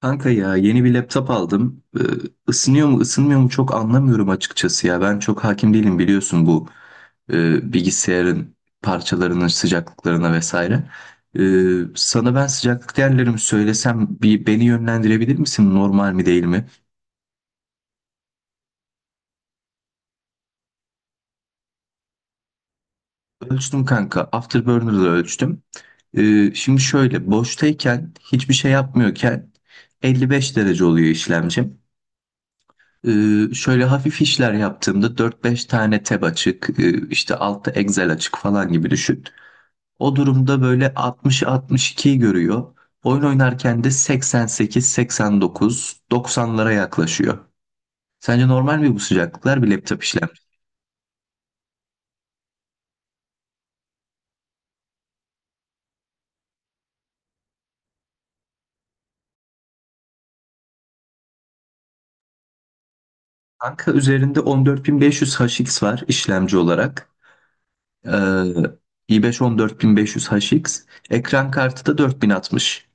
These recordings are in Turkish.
Kanka ya yeni bir laptop aldım. Isınıyor mu ısınmıyor mu çok anlamıyorum açıkçası ya. Ben çok hakim değilim biliyorsun bu bilgisayarın parçalarının sıcaklıklarına vesaire. Sana ben sıcaklık değerlerimi söylesem bir beni yönlendirebilir misin? Normal mi değil mi? Ölçtüm kanka. Afterburner'da ölçtüm. Şimdi şöyle boştayken hiçbir şey yapmıyorken 55 derece oluyor işlemcim. Şöyle hafif işler yaptığımda 4-5 tane tab açık, işte altta Excel açık falan gibi düşün. O durumda böyle 60-62'yi görüyor. Oyun oynarken de 88-89, 90'lara yaklaşıyor. Sence normal mi bu sıcaklıklar bir laptop işlemci? Kanka üzerinde 14500 HX var işlemci olarak. Ee, i5 14500 HX. Ekran kartı da 4060.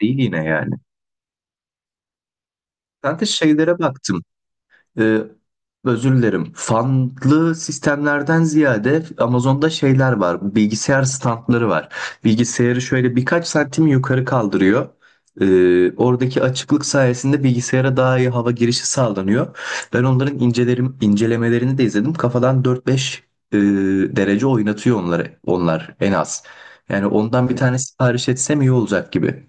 Değil yine yani. Kanka şeylere baktım. e, Özür dilerim. Fanlı sistemlerden ziyade Amazon'da şeyler var. Bilgisayar standları var. Bilgisayarı şöyle birkaç santim yukarı kaldırıyor. Oradaki açıklık sayesinde bilgisayara daha iyi hava girişi sağlanıyor. Ben onların incelerim, incelemelerini de izledim. Kafadan 4-5 e, derece oynatıyor onları, onlar en az. Yani ondan bir tane sipariş etsem iyi olacak gibi.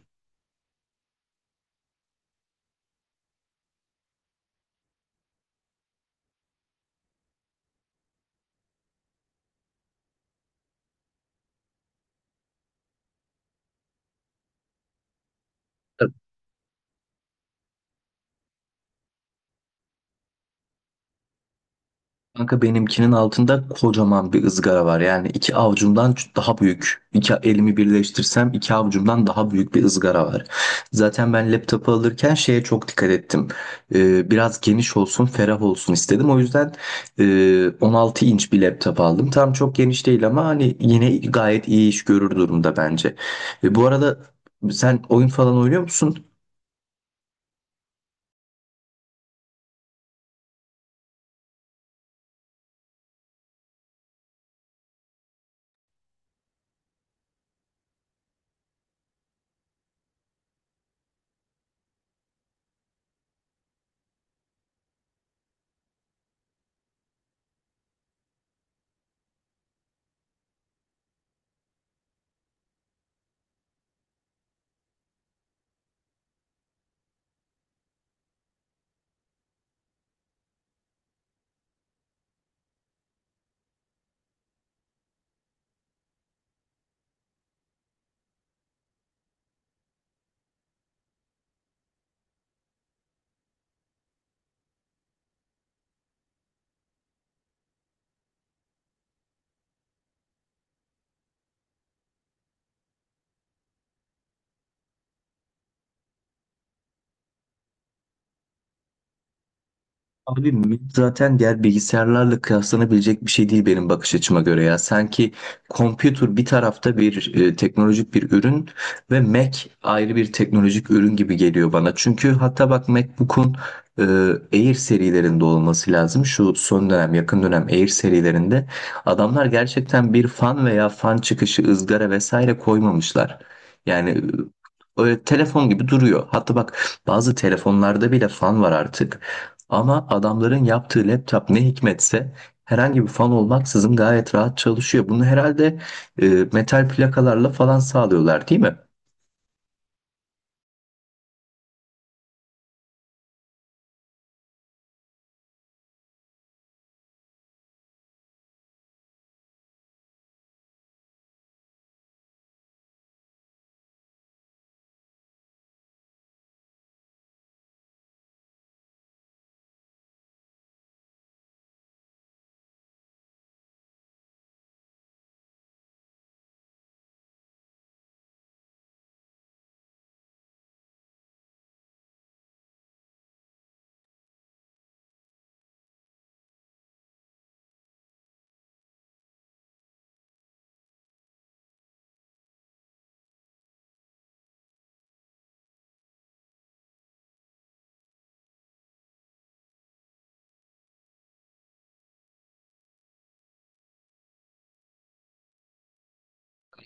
Kanka benimkinin altında kocaman bir ızgara var. Yani iki avucumdan daha büyük. İki elimi birleştirsem iki avucumdan daha büyük bir ızgara var. Zaten ben laptopu alırken şeye çok dikkat ettim. Biraz geniş olsun, ferah olsun istedim. O yüzden 16 inç bir laptop aldım. Tam çok geniş değil ama hani yine gayet iyi iş görür durumda bence. Bu arada sen oyun falan oynuyor musun? Abi Mint zaten diğer bilgisayarlarla kıyaslanabilecek bir şey değil benim bakış açıma göre ya. Sanki computer bir tarafta bir teknolojik bir ürün ve Mac ayrı bir teknolojik ürün gibi geliyor bana. Çünkü hatta bak MacBook'un e, Air serilerinde olması lazım. Şu son dönem yakın dönem Air serilerinde adamlar gerçekten bir fan veya fan çıkışı ızgara vesaire koymamışlar. Yani öyle telefon gibi duruyor. Hatta bak bazı telefonlarda bile fan var artık. Ama adamların yaptığı laptop ne hikmetse herhangi bir fan olmaksızın gayet rahat çalışıyor. Bunu herhalde metal plakalarla falan sağlıyorlar, değil mi?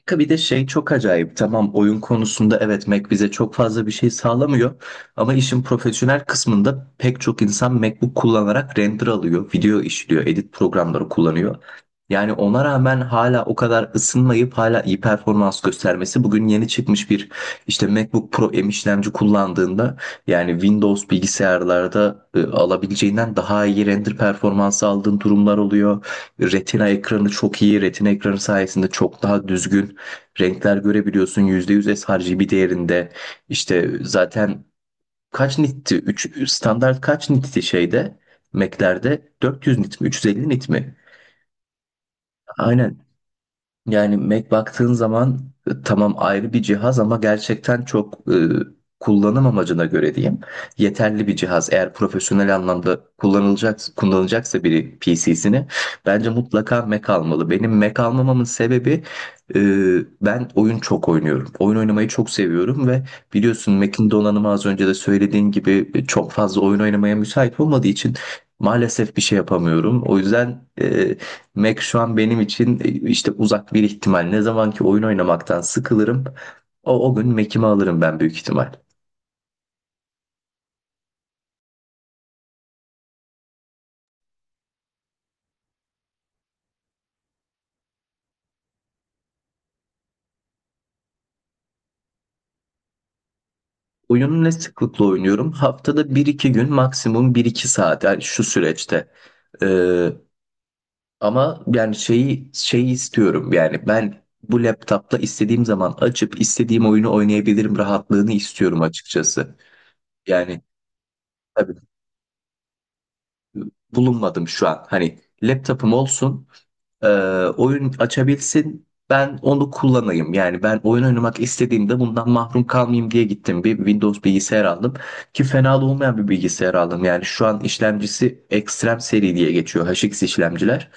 Bir de şey çok acayip. Tamam oyun konusunda evet Mac bize çok fazla bir şey sağlamıyor. Ama işin profesyonel kısmında pek çok insan MacBook kullanarak render alıyor, video işliyor, edit programları kullanıyor. Yani ona rağmen hala o kadar ısınmayıp hala iyi performans göstermesi bugün yeni çıkmış bir işte MacBook Pro M işlemci kullandığında yani Windows bilgisayarlarda alabileceğinden daha iyi render performansı aldığın durumlar oluyor. Retina ekranı çok iyi. Retina ekranı sayesinde çok daha düzgün renkler görebiliyorsun. %100 sRGB değerinde. İşte zaten kaç nitti? Üç standart kaç nitti şeyde? Mac'lerde 400 nit mi? 350 nit mi? Aynen. Yani Mac baktığın zaman tamam ayrı bir cihaz ama gerçekten çok kullanım amacına göre diyeyim yeterli bir cihaz. Eğer profesyonel anlamda kullanılacak kullanacaksa biri PC'sini bence mutlaka Mac almalı. Benim Mac almamamın sebebi e, ben oyun çok oynuyorum. Oyun oynamayı çok seviyorum ve biliyorsun Mac'in donanımı az önce de söylediğin gibi çok fazla oyun oynamaya müsait olmadığı için maalesef bir şey yapamıyorum. O yüzden Mac şu an benim için işte uzak bir ihtimal. Ne zaman ki oyun oynamaktan sıkılırım, o gün Mac'imi alırım ben büyük ihtimal. Oyunu ne sıklıkla oynuyorum? Haftada bir iki gün maksimum bir iki saat yani şu süreçte. Ee, Ama yani şeyi istiyorum yani ben bu laptopla istediğim zaman açıp istediğim oyunu oynayabilirim rahatlığını istiyorum açıkçası. Yani tabii bulunmadım şu an. Hani laptopum olsun e, oyun açabilsin. Ben onu kullanayım. Yani ben oyun oynamak istediğimde bundan mahrum kalmayayım diye gittim. Bir Windows bilgisayar aldım ki fena da olmayan bir bilgisayar aldım. Yani şu an işlemcisi Extreme seri diye geçiyor HX işlemciler.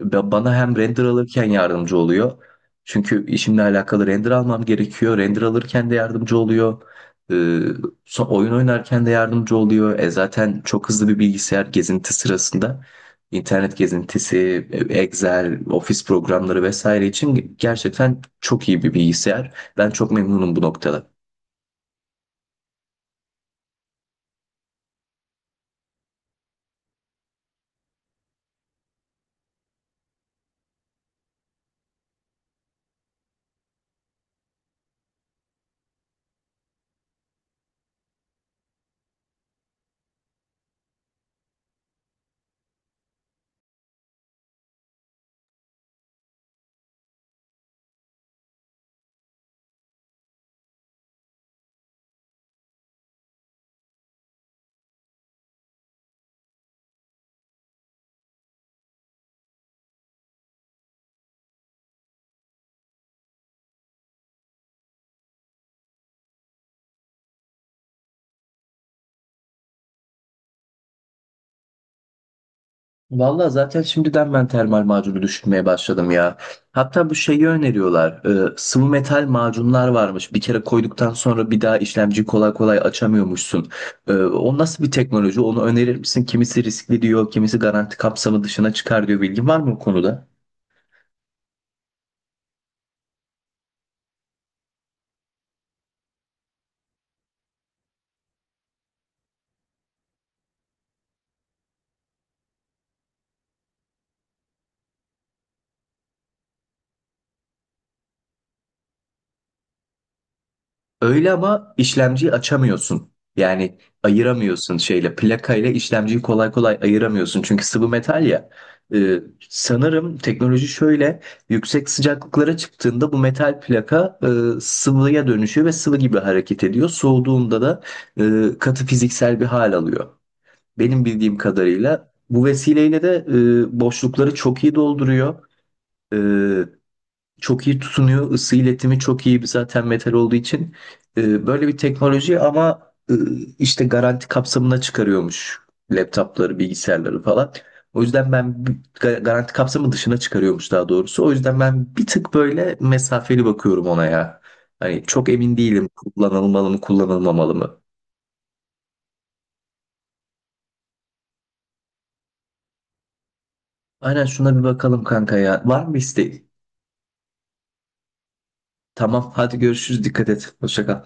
Bana hem render alırken yardımcı oluyor. Çünkü işimle alakalı render almam gerekiyor. Render alırken de yardımcı oluyor. Ee, Oyun oynarken de yardımcı oluyor. Zaten çok hızlı bir bilgisayar gezinti sırasında internet gezintisi, Excel, ofis programları vesaire için gerçekten çok iyi bir bilgisayar. Ben çok memnunum bu noktada. Vallahi zaten şimdiden ben termal macunu düşünmeye başladım ya. Hatta bu şeyi öneriyorlar. Sıvı metal macunlar varmış. Bir kere koyduktan sonra bir daha işlemci kolay kolay açamıyormuşsun. E, o nasıl bir teknoloji? Onu önerir misin? Kimisi riskli diyor, kimisi garanti kapsamı dışına çıkar diyor. Bilgin var mı bu konuda? Öyle ama işlemciyi açamıyorsun. Yani ayıramıyorsun şeyle. Plakayla işlemciyi kolay kolay ayıramıyorsun. Çünkü sıvı metal ya. Ee, Sanırım teknoloji şöyle. Yüksek sıcaklıklara çıktığında bu metal plaka sıvıya dönüşüyor ve sıvı gibi hareket ediyor. Soğuduğunda da katı fiziksel bir hal alıyor. Benim bildiğim kadarıyla bu vesileyle de boşlukları çok iyi dolduruyor. E, Çok iyi tutunuyor. Isı iletimi çok iyi bir zaten metal olduğu için. Böyle bir teknoloji ama işte garanti kapsamına çıkarıyormuş laptopları, bilgisayarları falan. O yüzden ben garanti kapsamı dışına çıkarıyormuş daha doğrusu. O yüzden ben bir tık böyle mesafeli bakıyorum ona ya. Hani çok emin değilim kullanılmalı mı, kullanılmamalı mı? Aynen şuna bir bakalım kanka ya. Var mı isteğin? Tamam hadi görüşürüz. Dikkat et. Hoşça kal.